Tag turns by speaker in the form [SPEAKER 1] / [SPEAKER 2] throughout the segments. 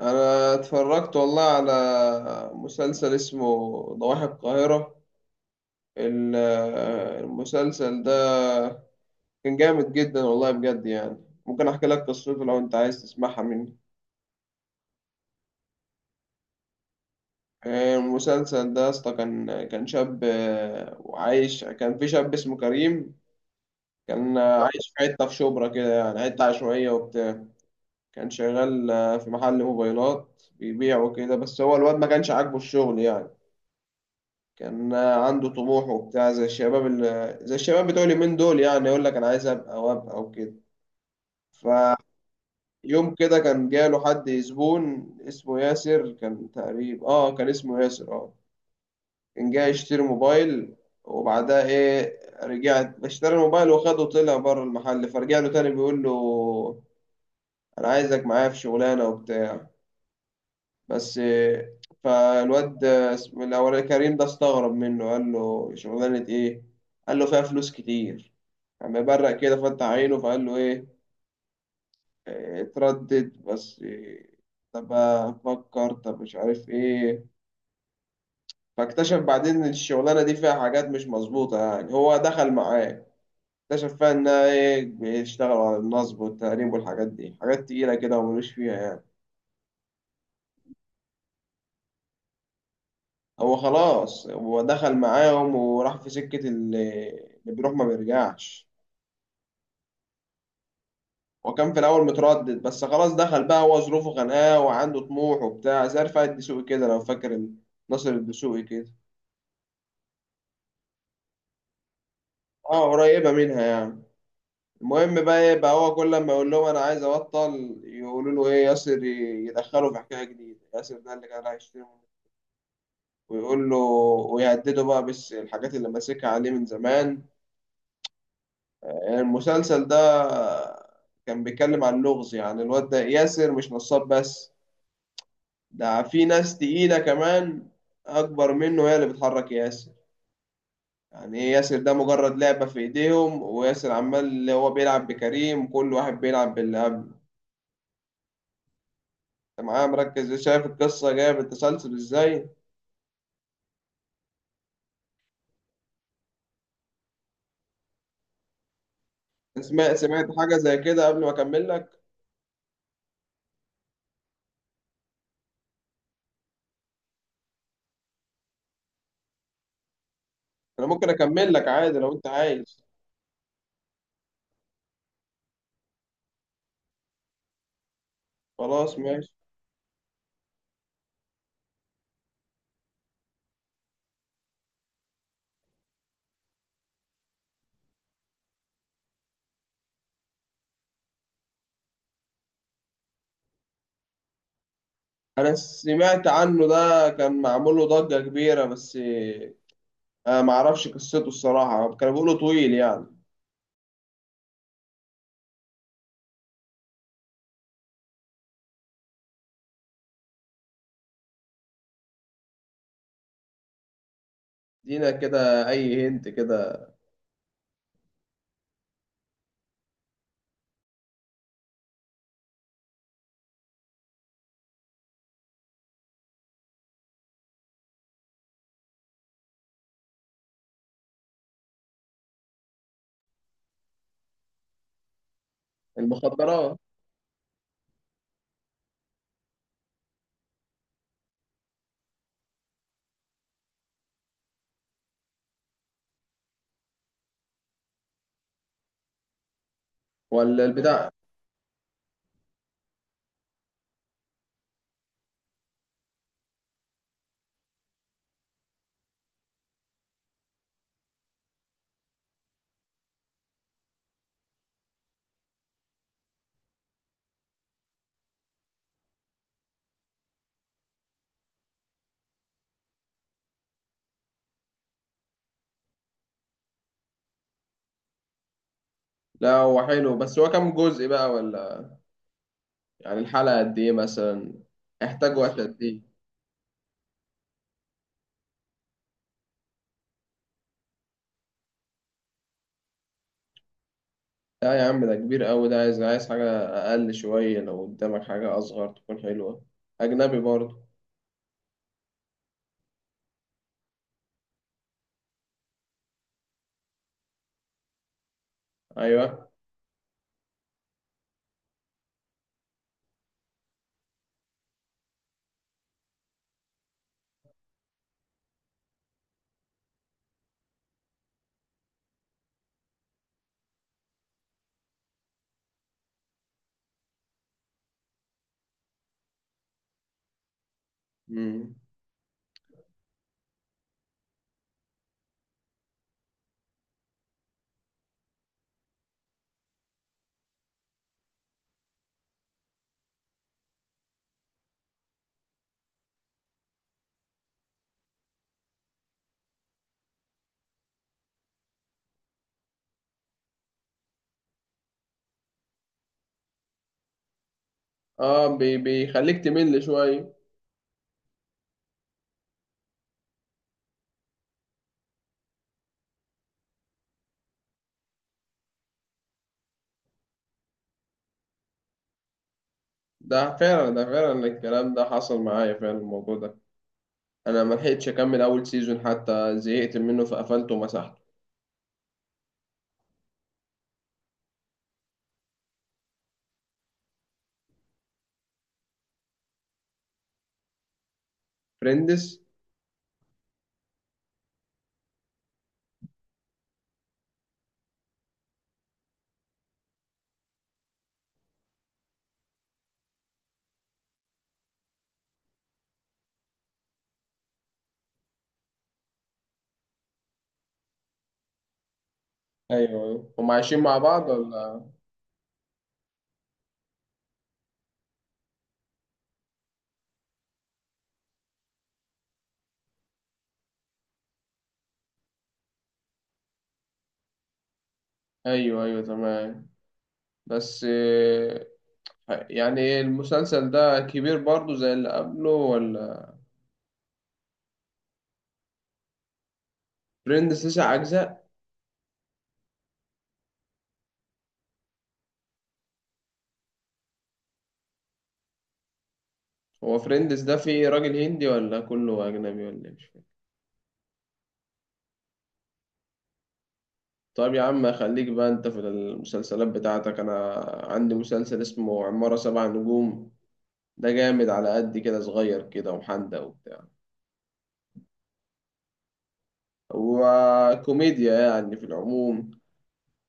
[SPEAKER 1] انا اتفرجت والله على مسلسل اسمه ضواحي القاهرة. ال- المسلسل ده كان جامد جدا والله بجد يعني. ممكن احكي لك قصته لو انت عايز تسمعها مني. المسلسل ده يا اسطى كان شاب وعايش، كان في شاب اسمه كريم. كان عايش في حتة في شبرا كده، يعني حتة عشوائية وبتاع. كان شغال في محل موبايلات، بيبيع وكده، بس هو الواد ما كانش عاجبه الشغل يعني. كان عنده طموح وبتاع زي الشباب اللي زي الشباب بتوع اليومين دول، يعني يقول لك انا عايز ابقى وابقى وكده. فيوم كده كان جاله حد زبون اسمه ياسر، كان تقريبا اه كان اسمه ياسر اه. كان جاي يشتري موبايل. وبعدها ايه، رجعت اشترى الموبايل وخده، طلع بره المحل فرجع له تاني بيقول له انا عايزك معايا في شغلانه وبتاع بس فالواد اسمه الاولاني كريم ده استغرب منه، قال له شغلانه ايه؟ قال له فيها فلوس كتير. قام مبرق كده فتح عينه فقال له ايه، اتردد بس طب افكر طب مش عارف ايه. فاكتشف بعدين ان الشغلانه دي فيها حاجات مش مظبوطه يعني، هو دخل معاه اكتشف فيها انها ايه، بيشتغلوا على النصب والتهريب والحاجات دي، حاجات تقيله كده وملوش فيها يعني. هو خلاص هو دخل معاهم وراح في سكه اللي بيروح ما بيرجعش. هو كان في الاول متردد بس خلاص دخل بقى، هو ظروفه خانقاه وعنده طموح وبتاع زي رفاعي الدسوقي كده لو فاكر، ناصر الدسوقي كده. اه قريبه منها يعني. المهم بقى ايه بقى، هو كل لما يقول لهم انا عايز ابطل يقولوا له ايه، ياسر يدخله في حكايه جديده. ياسر ده اللي كان هيشتمه ويقول له ويهدده بقى بس الحاجات اللي ماسكها عليه من زمان. المسلسل ده كان بيتكلم عن اللغز، يعني الواد ده ياسر مش نصاب بس، ده في ناس تقيلة كمان أكبر منه هي اللي بتحرك ياسر. يعني إيه، ياسر ده مجرد لعبة في إيديهم، وياسر عمال اللي هو بيلعب بكريم، كل واحد بيلعب باللي قبله. أنت معايا مركز إيه؟ شايف القصة جاية بالتسلسل إزاي. سمعت حاجة زي كده قبل ما أكمل لك. أنا ممكن أكمل لك عادي لو أنت عايز. خلاص ماشي. أنا سمعت عنه، ده كان معمول له ضجة كبيرة بس أنا معرفش قصته الصراحة، كانوا بيقولوا طويل يعني. دينا كده أي هنت كده. المخدرات. ولا البتاع. لا هو حلو، بس هو كام جزء بقى ولا، يعني الحلقة قد ايه مثلا، يحتاج وقت قد ايه. لا يا عم ده كبير قوي، ده عايز عايز حاجة أقل شوية، لو قدامك حاجة أصغر تكون حلوة أجنبي برضه. أيوه. مم. اه بي بيخليك تمل شوية. ده فعلا الكلام ده حصل معايا فعلا الموضوع ده. أنا ملحقتش أكمل أول سيزون حتى، زهقت منه فقفلته ومسحته. فريندز. أيوه أيوه هم عايشين مع بعض ولا. أيوه أيوه تمام. بس يعني المسلسل ده كبير برضه زي اللي قبله ولا. فريندز تسع أجزاء. هو فريندز ده فيه راجل هندي ولا كله أجنبي ولا إيه؟ مش فاهم. طيب يا عم خليك بقى أنت في المسلسلات بتاعتك. أنا عندي مسلسل اسمه عمارة سبع نجوم. ده جامد على قد كده، صغير كده وحندق وبتاع وكوميديا يعني في العموم.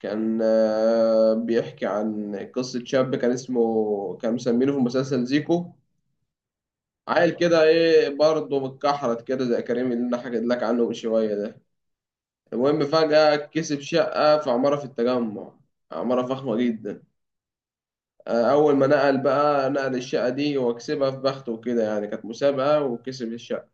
[SPEAKER 1] كان بيحكي عن قصة شاب، كان اسمه، كان مسمينه في المسلسل زيكو. عيل كده ايه برضه متكحرت كده زي كريم اللي انا حكيت لك عنه من شويه ده. المهم فجأة كسب شقة في عمارة في التجمع، عمارة فخمة جدا. أول ما نقل بقى، نقل الشقة دي وكسبها في بخته وكده، يعني كانت مسابقة وكسب الشقة.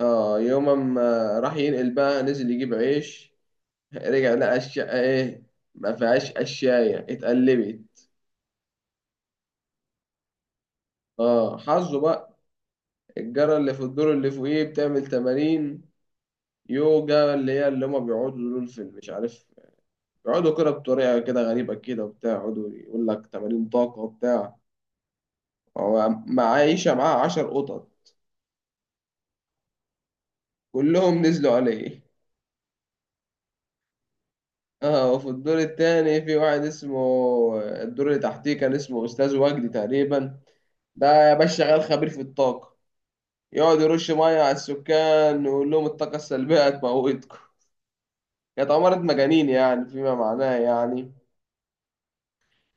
[SPEAKER 1] اه يوم ما راح ينقل بقى، نزل يجيب عيش رجع لقى الشقة ايه، ما فيهاش قشاية، اتقلبت. اه حظه بقى. الجارة اللي في الدور اللي فوقيه بتعمل تمارين يوجا، اللي هي اللي هما بيقعدوا دول في مش عارف، يقعدوا كده بطريقة كده غريبة كده وبتاع، يقعدوا يقول لك تمارين طاقة وبتاع. هو معايشة معاه 10 قطط، كلهم نزلوا عليه اه وفي الدور التاني في واحد اسمه، الدور اللي تحتيه كان اسمه أستاذ وجدي تقريبا. ده يا باشا شغال خبير في الطاقة، يقعد يرش مية على السكان ويقول لهم الطاقة السلبية هتموتكم. كانت عمارة مجانين يعني، فيما معناه يعني.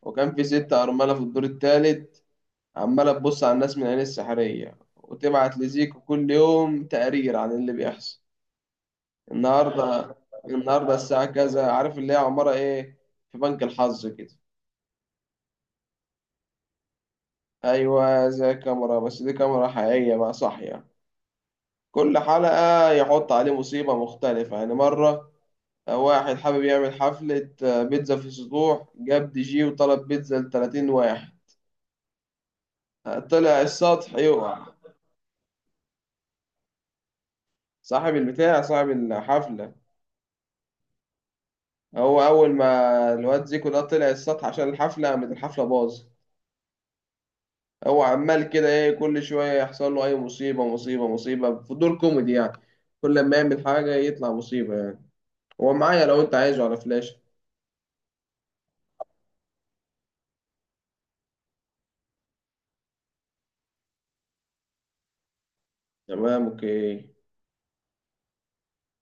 [SPEAKER 1] وكان في ست أرملة في الدور التالت، عمالة تبص على الناس من عين السحرية وتبعت لزيكو كل يوم تقرير عن اللي بيحصل. النهاردة النهاردة الساعة كذا، عارف اللي هي عمارة إيه، في بنك الحظ كده. أيوة زي كاميرا، بس دي كاميرا حقيقية بقى صاحية. كل حلقة يحط عليه مصيبة مختلفة، يعني مرة واحد حابب يعمل حفلة بيتزا في سطوح، جاب دي جي وطلب بيتزا لـ30 واحد، طلع السطح يقع. صاحب البتاع صاحب الحفلة. هو اول ما الواد زيكو ده طلع السطح عشان الحفله، قامت الحفله باظ. هو عمال كده ايه كل شويه يحصل له اي مصيبه مصيبه مصيبه في دور كوميدي يعني. كل لما يعمل حاجه يطلع مصيبه يعني. هو معايا لو انت عايزه على فلاش. تمام اوكي.